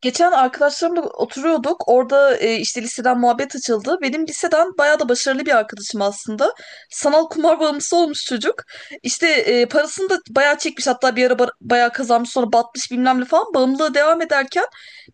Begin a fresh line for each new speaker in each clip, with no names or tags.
Geçen arkadaşlarımla oturuyorduk. Orada işte liseden muhabbet açıldı. Benim liseden bayağı da başarılı bir arkadaşım aslında. Sanal kumar bağımlısı olmuş çocuk. İşte parasını da bayağı çekmiş. Hatta bir ara bayağı kazanmış, sonra batmış bilmem ne falan. Bağımlılığı devam ederken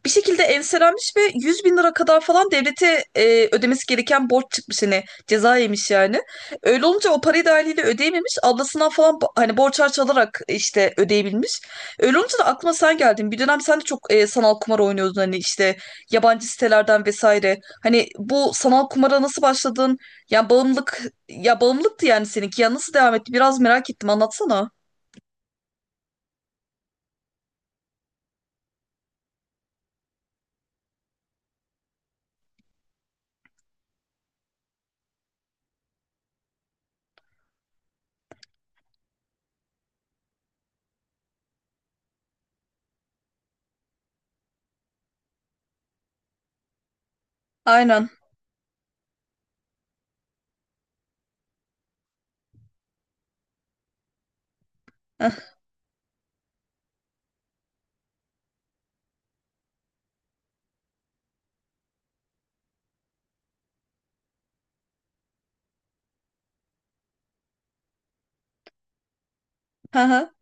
bir şekilde enselenmiş ve 100 bin lira kadar falan devlete ödemesi gereken borç çıkmış. Hani ceza yemiş yani. Öyle olunca o parayı da haliyle ödeyememiş. Ablasından falan hani borç harç alarak işte ödeyebilmiş. Öyle olunca da aklıma sen geldin. Bir dönem sen de çok sanal kumar oynuyordun, hani işte yabancı sitelerden vesaire. Hani bu sanal kumara nasıl başladın? Yani bağımlılık, ya bağımlılıktı yani seninki. Ya nasıl devam etti? Biraz merak ettim. Anlatsana. Aynen.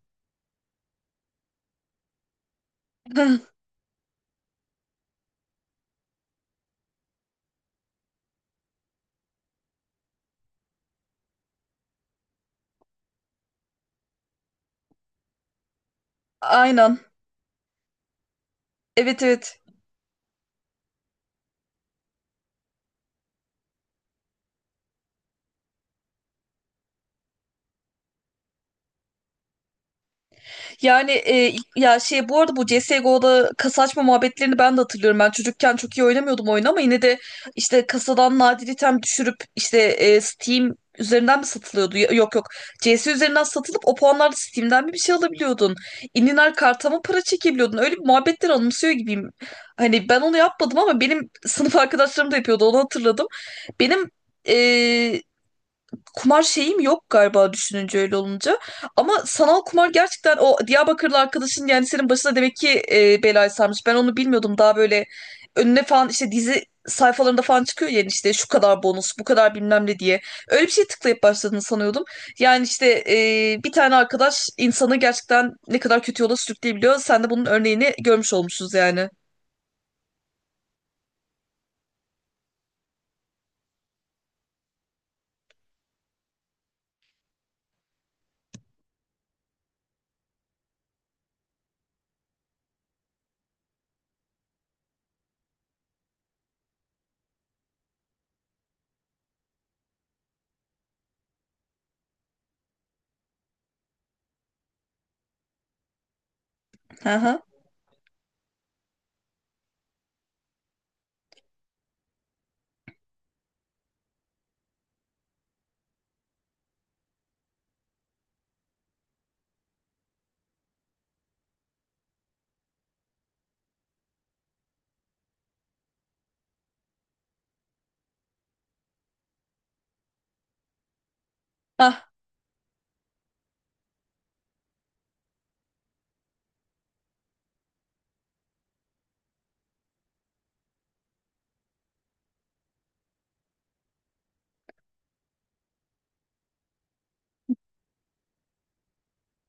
Aynen. Evet, evet. Yani ya şey, bu arada bu CSGO'da kasa açma muhabbetlerini ben de hatırlıyorum. Ben çocukken çok iyi oynamıyordum oyunu, ama yine de işte kasadan nadir item düşürüp işte Steam üzerinden mi satılıyordu? Yok, yok. CS üzerinden satılıp o puanlarla Steam'den mi bir şey alabiliyordun? İninar karta mı para çekebiliyordun? Öyle bir muhabbetler anımsıyor gibiyim. Hani ben onu yapmadım ama benim sınıf arkadaşlarım da yapıyordu, onu hatırladım. Benim e, kumar şeyim yok galiba, düşününce öyle olunca. Ama sanal kumar gerçekten o Diyarbakırlı arkadaşın yani senin başına demek ki belayı sarmış. Ben onu bilmiyordum. Daha böyle önüne falan işte dizi sayfalarında falan çıkıyor yani, işte şu kadar bonus, bu kadar bilmem ne diye. Öyle bir şey tıklayıp başladığını sanıyordum. Yani işte bir tane arkadaş insanı gerçekten ne kadar kötü yola sürükleyebiliyor. Sen de bunun örneğini görmüş olmuşuz yani. Hı hı.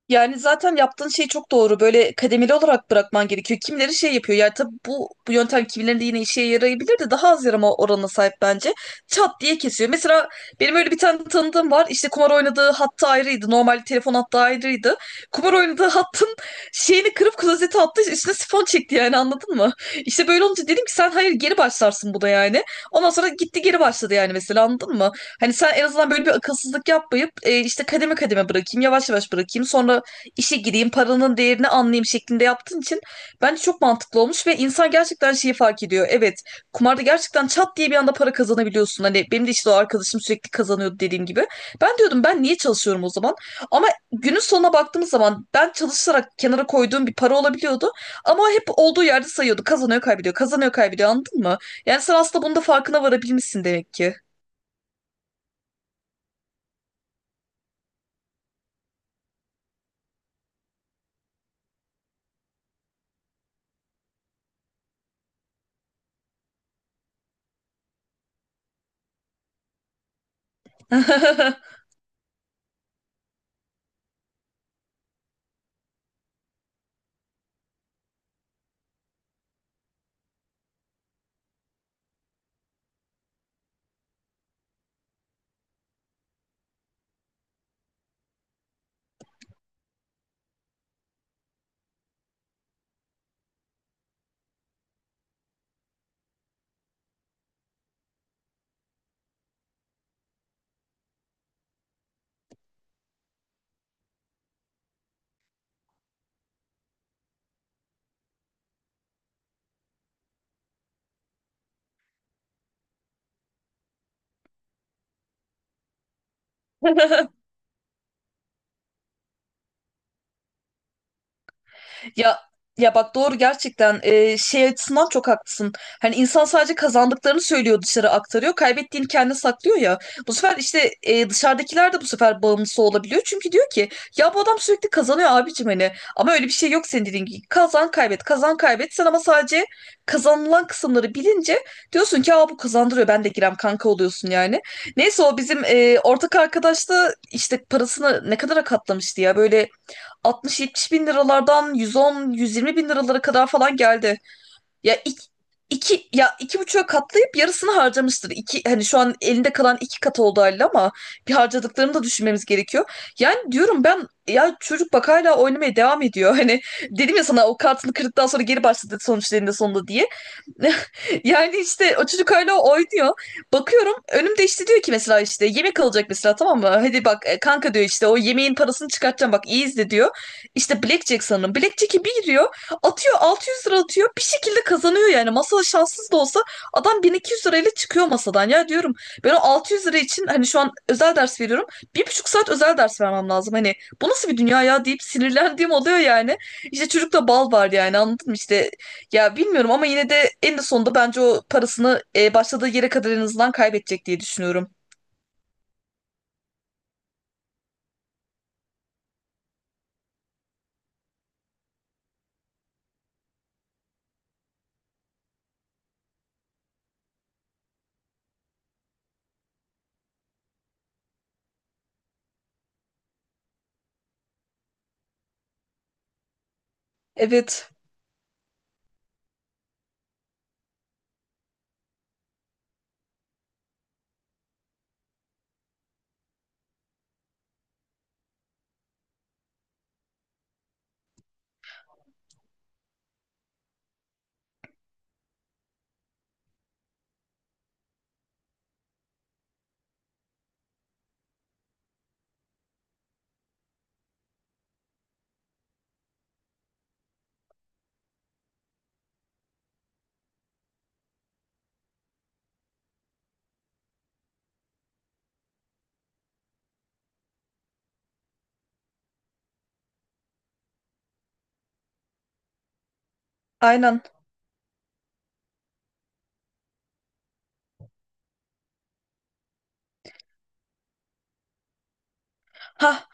Yani zaten yaptığın şey çok doğru. Böyle kademeli olarak bırakman gerekiyor. Kimileri şey yapıyor. Yani tabii bu yöntem kimilerinde yine işe yarayabilir de daha az yarama oranına sahip bence. Çat diye kesiyor. Mesela benim öyle bir tane tanıdığım var. İşte kumar oynadığı hattı ayrıydı. Normal telefon hattı ayrıydı. Kumar oynadığı hattın şeyini kırıp klozete attı. Üstüne sifon çekti yani, anladın mı? İşte böyle olunca dedim ki sen hayır, geri başlarsın bu da yani. Ondan sonra gitti geri başladı yani, mesela anladın mı? Hani sen en azından böyle bir akılsızlık yapmayıp işte kademe kademe bırakayım, yavaş yavaş bırakayım, sonra işe gireyim, paranın değerini anlayayım şeklinde yaptığın için bence çok mantıklı olmuş ve insan gerçekten şeyi fark ediyor. Evet, kumarda gerçekten çat diye bir anda para kazanabiliyorsun. Hani benim de işte o arkadaşım sürekli kazanıyordu dediğim gibi. Ben diyordum ben niye çalışıyorum o zaman? Ama günün sonuna baktığımız zaman ben çalışarak kenara koyduğum bir para olabiliyordu. Ama hep olduğu yerde sayıyordu. Kazanıyor, kaybediyor, kazanıyor, kaybediyor, anladın mı? Yani sen aslında bunun da farkına varabilmişsin demek ki. Ya, ya bak, doğru gerçekten. Şey açısından çok haklısın. Hani insan sadece kazandıklarını söylüyor, dışarı aktarıyor. Kaybettiğini kendi saklıyor ya. Bu sefer işte dışarıdakiler de bu sefer bağımlısı olabiliyor. Çünkü diyor ki ya bu adam sürekli kazanıyor abicim, hani. Ama öyle bir şey yok senin dediğin gibi. Kazan kaybet, kazan kaybet. Sen ama sadece kazanılan kısımları bilince diyorsun ki aa, bu kazandırıyor, ben de girem kanka, oluyorsun yani. Neyse, o bizim ortak arkadaş da işte parasını ne kadara katlamıştı ya, böyle 60-70 bin liralardan 110-120 bin liralara kadar falan geldi. Ya iki, ya iki buçuğa katlayıp yarısını harcamıştır. Hani şu an elinde kalan iki katı oldu haliyle, ama bir harcadıklarını da düşünmemiz gerekiyor. Yani diyorum ben ya, çocuk bak hala oynamaya devam ediyor. Hani dedim ya sana, o kartını kırdıktan sonra geri başladı sonuçlarında sonunda diye. Yani işte o çocuk hala oynuyor. Bakıyorum önümde işte diyor ki mesela, işte yemek alacak mesela, tamam mı? Hadi bak, kanka diyor, işte o yemeğin parasını çıkartacağım, bak iyi izle diyor. İşte Blackjack sanırım. Blackjack'e bir giriyor, atıyor 600 lira, atıyor, bir şekilde kazanıyor yani. Masada şanssız da olsa adam 1200 lirayla çıkıyor masadan. Ya diyorum ben o 600 lira için hani şu an özel ders veriyorum. Bir buçuk saat özel ders vermem lazım. Hani bu nasıl bir dünya ya deyip sinirlendiğim oluyor yani. İşte çocukta bal var yani, anladın mı? İşte ya bilmiyorum, ama yine de en sonunda bence o parasını başladığı yere kadar en azından kaybedecek diye düşünüyorum. Evet, aynen. Ha,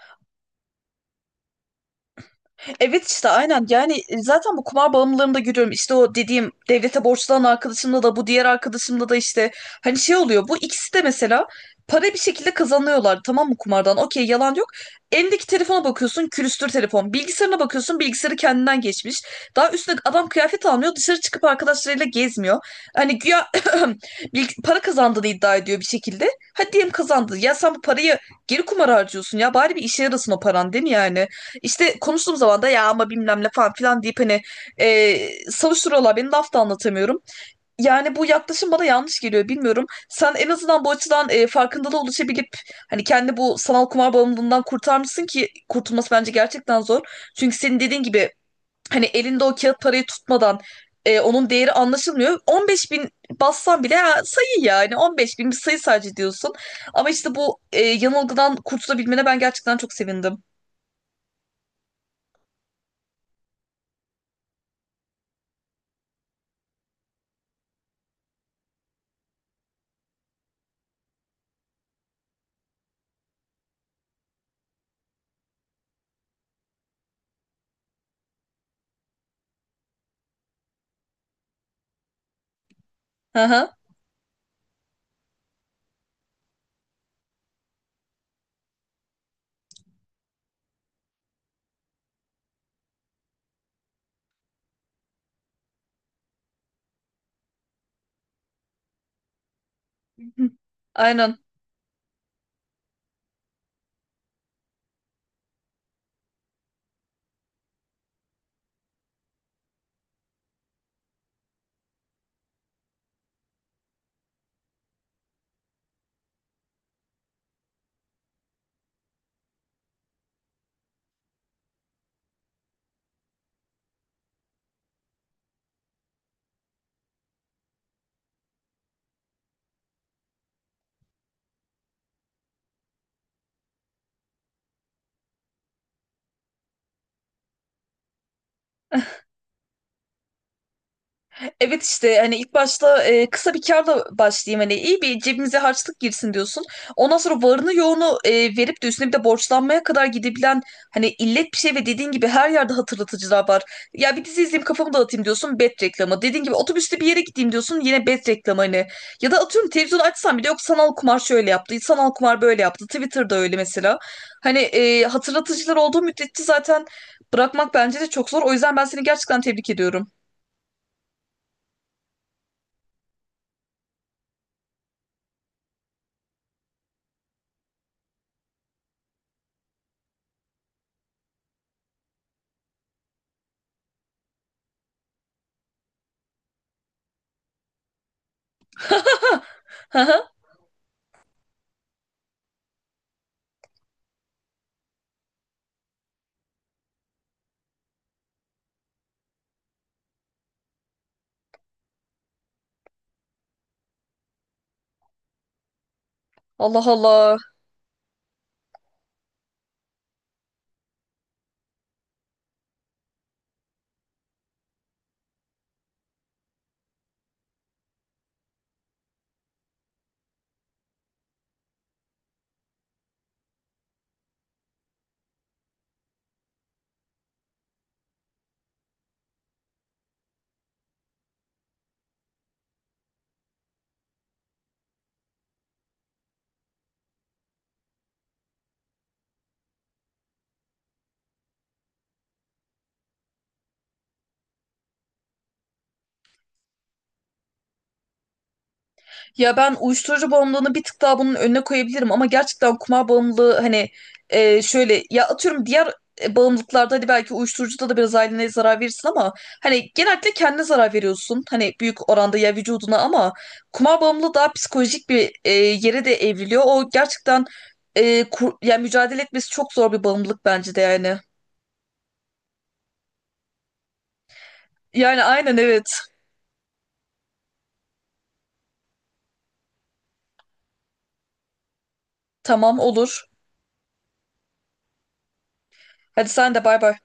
evet, işte aynen yani. Zaten bu kumar bağımlılığımda görüyorum, işte o dediğim devlete borçlanan arkadaşımda da, bu diğer arkadaşımda da işte hani şey oluyor. Bu ikisi de mesela para bir şekilde kazanıyorlar, tamam mı, kumardan, okey, yalan yok. Elindeki telefona bakıyorsun külüstür telefon, bilgisayarına bakıyorsun bilgisayarı kendinden geçmiş. Daha üstüne adam kıyafet almıyor, dışarı çıkıp arkadaşlarıyla gezmiyor, hani güya para kazandığını iddia ediyor bir şekilde. Hadi diyelim kazandı, ya sen bu parayı geri kumara harcıyorsun, ya bari bir işe yarasın o paran, değil mi yani? İşte konuştuğum zaman da ya ama bilmem ne falan filan deyip hani e, savuşturuyorlar beni, laf da anlatamıyorum. Yani bu yaklaşım bana yanlış geliyor, bilmiyorum. Sen en azından bu açıdan farkındalığa ulaşabilip hani kendi bu sanal kumar bağımlılığından kurtarmışsın ki, kurtulması bence gerçekten zor. Çünkü senin dediğin gibi hani elinde o kağıt parayı tutmadan onun değeri anlaşılmıyor. 15 bin bassan bile ha, sayı yani, 15 bin bir sayı sadece diyorsun. Ama işte bu yanılgıdan kurtulabilmene ben gerçekten çok sevindim. Hı hı. Aynen. Evet, işte hani ilk başta kısa bir kârla başlayayım, hani iyi bir cebimize harçlık girsin diyorsun. Ondan sonra varını yoğunu verip de üstüne bir de borçlanmaya kadar gidebilen hani illet bir şey. Ve dediğin gibi her yerde hatırlatıcılar var. Ya bir dizi izleyeyim kafamı dağıtayım diyorsun, bet reklamı. Dediğin gibi otobüste bir yere gideyim diyorsun, yine bet reklamı hani. Ya da atıyorum televizyonu açsam bile yok, sanal kumar şöyle yaptı, sanal kumar böyle yaptı. Twitter'da öyle mesela. Hani hatırlatıcılar olduğu müddetçe zaten bırakmak bence de çok zor. O yüzden ben seni gerçekten tebrik ediyorum. Allah Allah. Ya ben uyuşturucu bağımlılığını bir tık daha bunun önüne koyabilirim, ama gerçekten kumar bağımlılığı hani şöyle, ya atıyorum diğer bağımlılıklarda hadi belki uyuşturucuda da biraz ailene zarar verirsin, ama hani genellikle kendine zarar veriyorsun, hani büyük oranda ya vücuduna, ama kumar bağımlılığı daha psikolojik bir yere de evriliyor. O gerçekten yani mücadele etmesi çok zor bir bağımlılık bence de yani. Yani aynen, evet. Tamam, olur. Hadi sen de, bay bay.